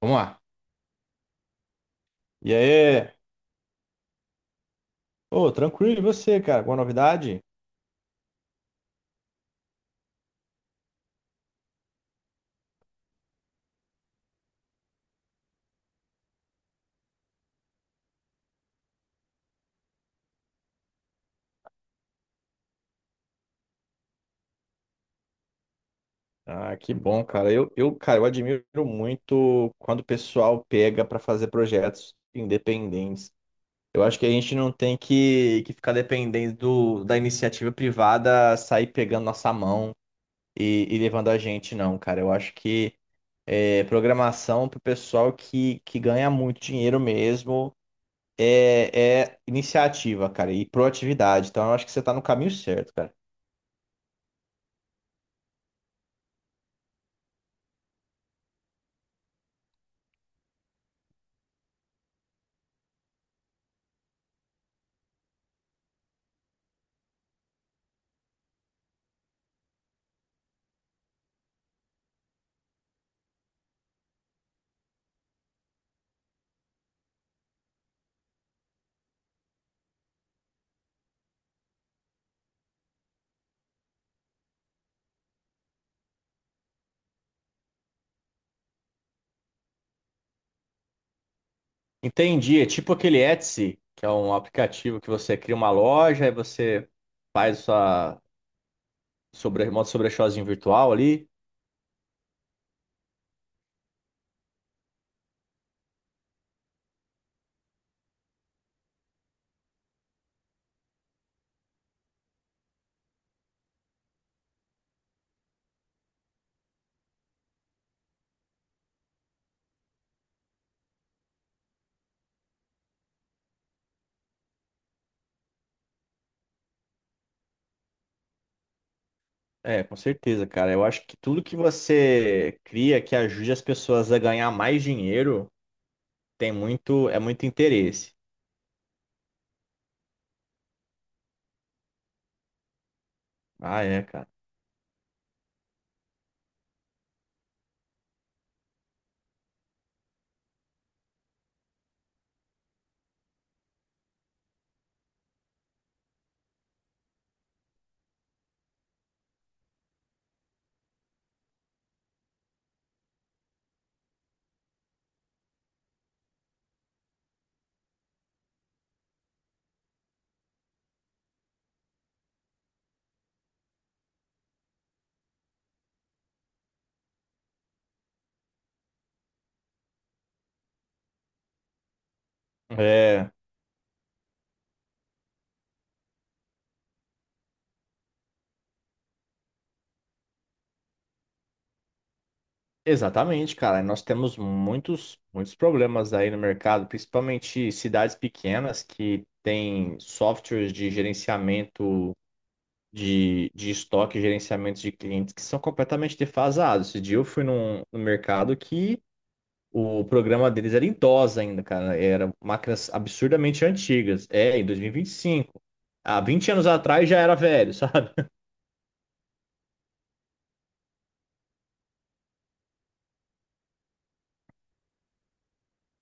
Vamos lá. E aí? Ô, tranquilo, e você, cara? Alguma novidade? Ah, que bom, cara. Eu, cara, eu admiro muito quando o pessoal pega pra fazer projetos independentes. Eu acho que a gente não tem que ficar dependendo da iniciativa privada sair pegando nossa mão e levando a gente, não, cara. Eu acho que programação pro pessoal que ganha muito dinheiro mesmo é iniciativa, cara, e proatividade. Então, eu acho que você tá no caminho certo, cara. Entendi. É tipo aquele Etsy, que é um aplicativo que você cria uma loja e você faz sua monta seu brechózinho virtual ali. É, com certeza, cara. Eu acho que tudo que você cria que ajude as pessoas a ganhar mais dinheiro é muito interesse. Ah, é, cara. É, exatamente, cara. Nós temos muitos problemas aí no mercado, principalmente cidades pequenas que têm softwares de gerenciamento de estoque e gerenciamento de clientes que são completamente defasados. Esse dia eu fui num mercado que o programa deles era em DOS ainda, cara. Era máquinas absurdamente antigas. É, em dois mil e vinte e cinco. Há 20 anos atrás já era velho, sabe?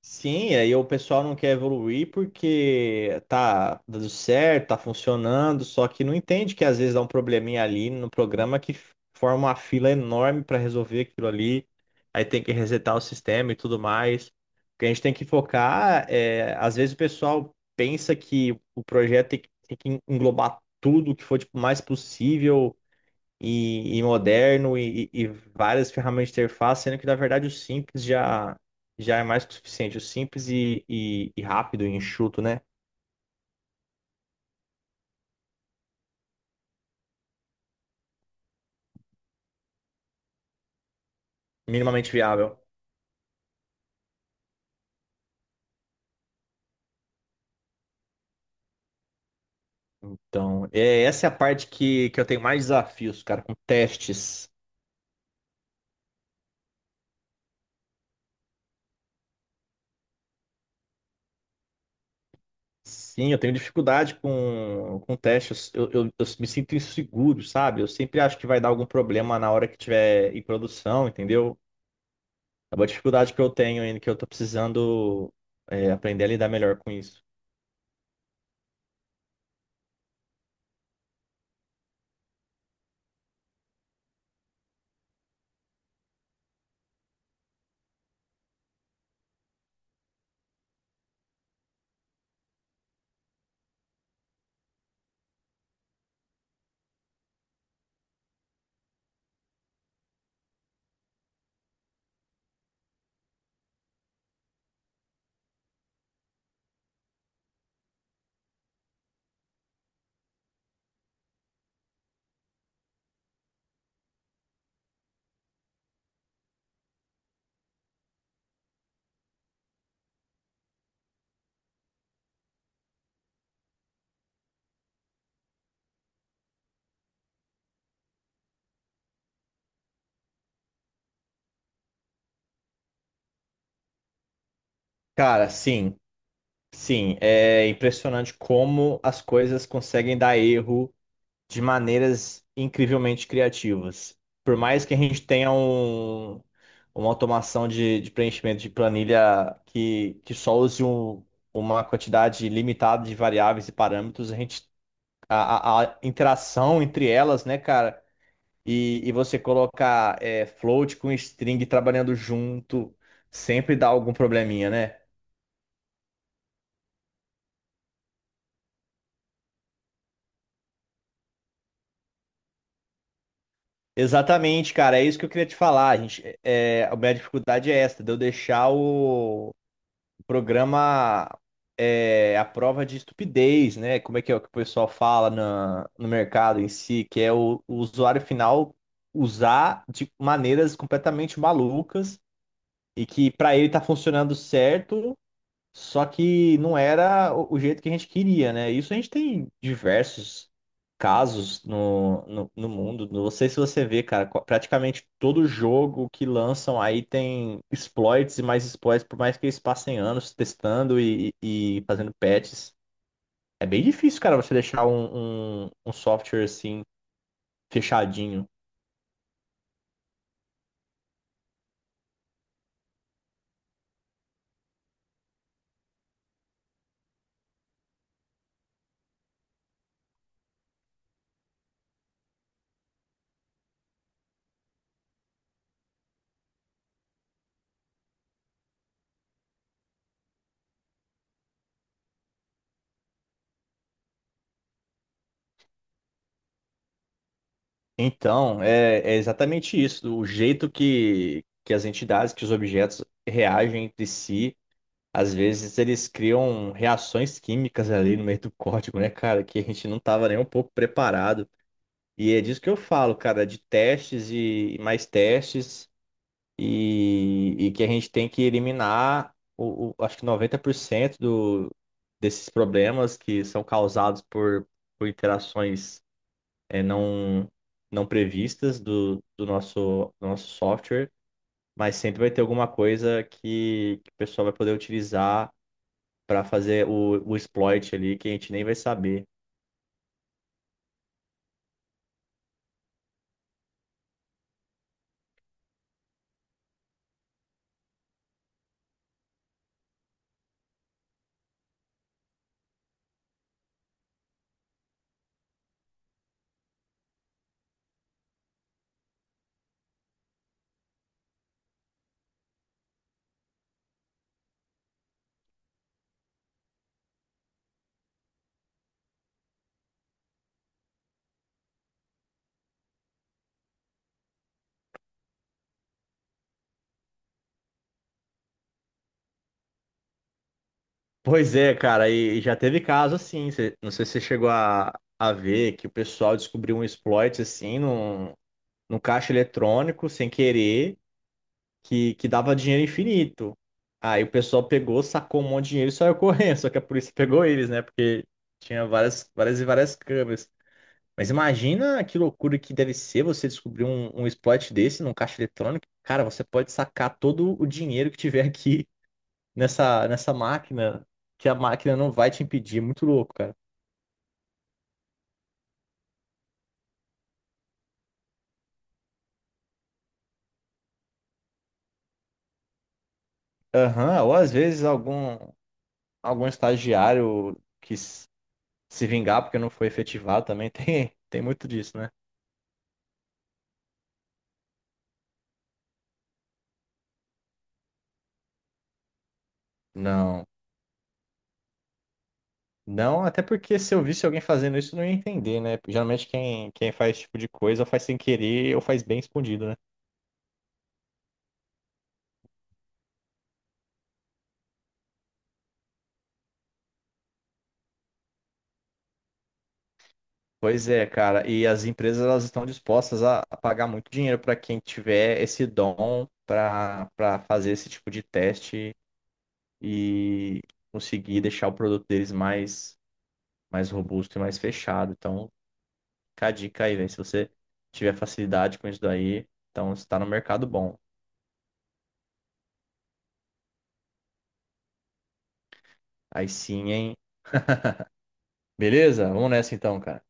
Sim, aí o pessoal não quer evoluir porque tá dando certo, tá funcionando, só que não entende que às vezes dá um probleminha ali no programa que forma uma fila enorme para resolver aquilo ali, aí tem que resetar o sistema e tudo mais. O que a gente tem que focar é, às vezes o pessoal pensa que o projeto tem que englobar tudo que for tipo, mais possível e moderno e várias ferramentas de interface, sendo que na verdade já é mais que o suficiente. O simples e rápido e enxuto, né? Minimamente viável. Então, é, essa é a parte que eu tenho mais desafios, cara, com testes. Sim, eu tenho dificuldade com testes. Eu me sinto inseguro, sabe? Eu sempre acho que vai dar algum problema na hora que tiver em produção, entendeu? É uma dificuldade que eu tenho ainda, que eu tô precisando, aprender a lidar melhor com isso. Cara, sim. Sim, é impressionante como as coisas conseguem dar erro de maneiras incrivelmente criativas. Por mais que a gente tenha uma automação de preenchimento de planilha que só use uma quantidade limitada de variáveis e parâmetros, a gente, a interação entre elas, né, cara, e você colocar float com string trabalhando junto, sempre dá algum probleminha, né? Exatamente, cara, é isso que eu queria te falar. A gente, a minha dificuldade é esta, de eu deixar o programa a prova de estupidez, né? Como é que é o que o pessoal fala na, no mercado em si, que é o usuário final usar de maneiras completamente malucas e que para ele tá funcionando certo, só que não era o jeito que a gente queria, né? Isso a gente tem diversos casos no mundo. Não sei se você vê, cara, praticamente todo jogo que lançam aí tem exploits e mais exploits, por mais que eles passem anos testando e fazendo patches. É bem difícil, cara, você deixar um software assim fechadinho. Então, é, é exatamente isso. O jeito que as entidades, que os objetos reagem entre si. Às vezes eles criam reações químicas ali no meio do código, né, cara? Que a gente não tava nem um pouco preparado. E é disso que eu falo, cara, de testes e mais testes, e que a gente tem que eliminar, acho que 90% desses problemas que são causados por interações é, não, não previstas do nosso software, mas sempre vai ter alguma coisa que o pessoal vai poder utilizar para fazer o exploit ali que a gente nem vai saber. Pois é, cara, e já teve caso assim, não sei se você chegou a ver que o pessoal descobriu um exploit assim num caixa eletrônico sem querer que dava dinheiro infinito. Aí o pessoal pegou, sacou um monte de dinheiro e saiu correndo, só que a polícia pegou eles, né? Porque tinha várias, várias câmeras. Mas imagina que loucura que deve ser você descobrir um exploit desse num caixa eletrônico. Cara, você pode sacar todo o dinheiro que tiver aqui nessa máquina que a máquina não vai te impedir. É muito louco, cara. Aham, ou às vezes algum estagiário quis se vingar porque não foi efetivado também. Tem muito disso, né? Não. Não, até porque se eu visse alguém fazendo isso, eu não ia entender, né? Geralmente quem faz esse tipo de coisa faz sem querer ou faz bem escondido, né? Pois é, cara. E as empresas elas estão dispostas a pagar muito dinheiro para quem tiver esse dom para fazer esse tipo de teste e conseguir deixar o produto deles mais robusto e mais fechado. Então, fica a dica aí, velho. Se você tiver facilidade com isso daí, então você tá no mercado bom. Aí sim, hein? Beleza? Vamos nessa então, cara.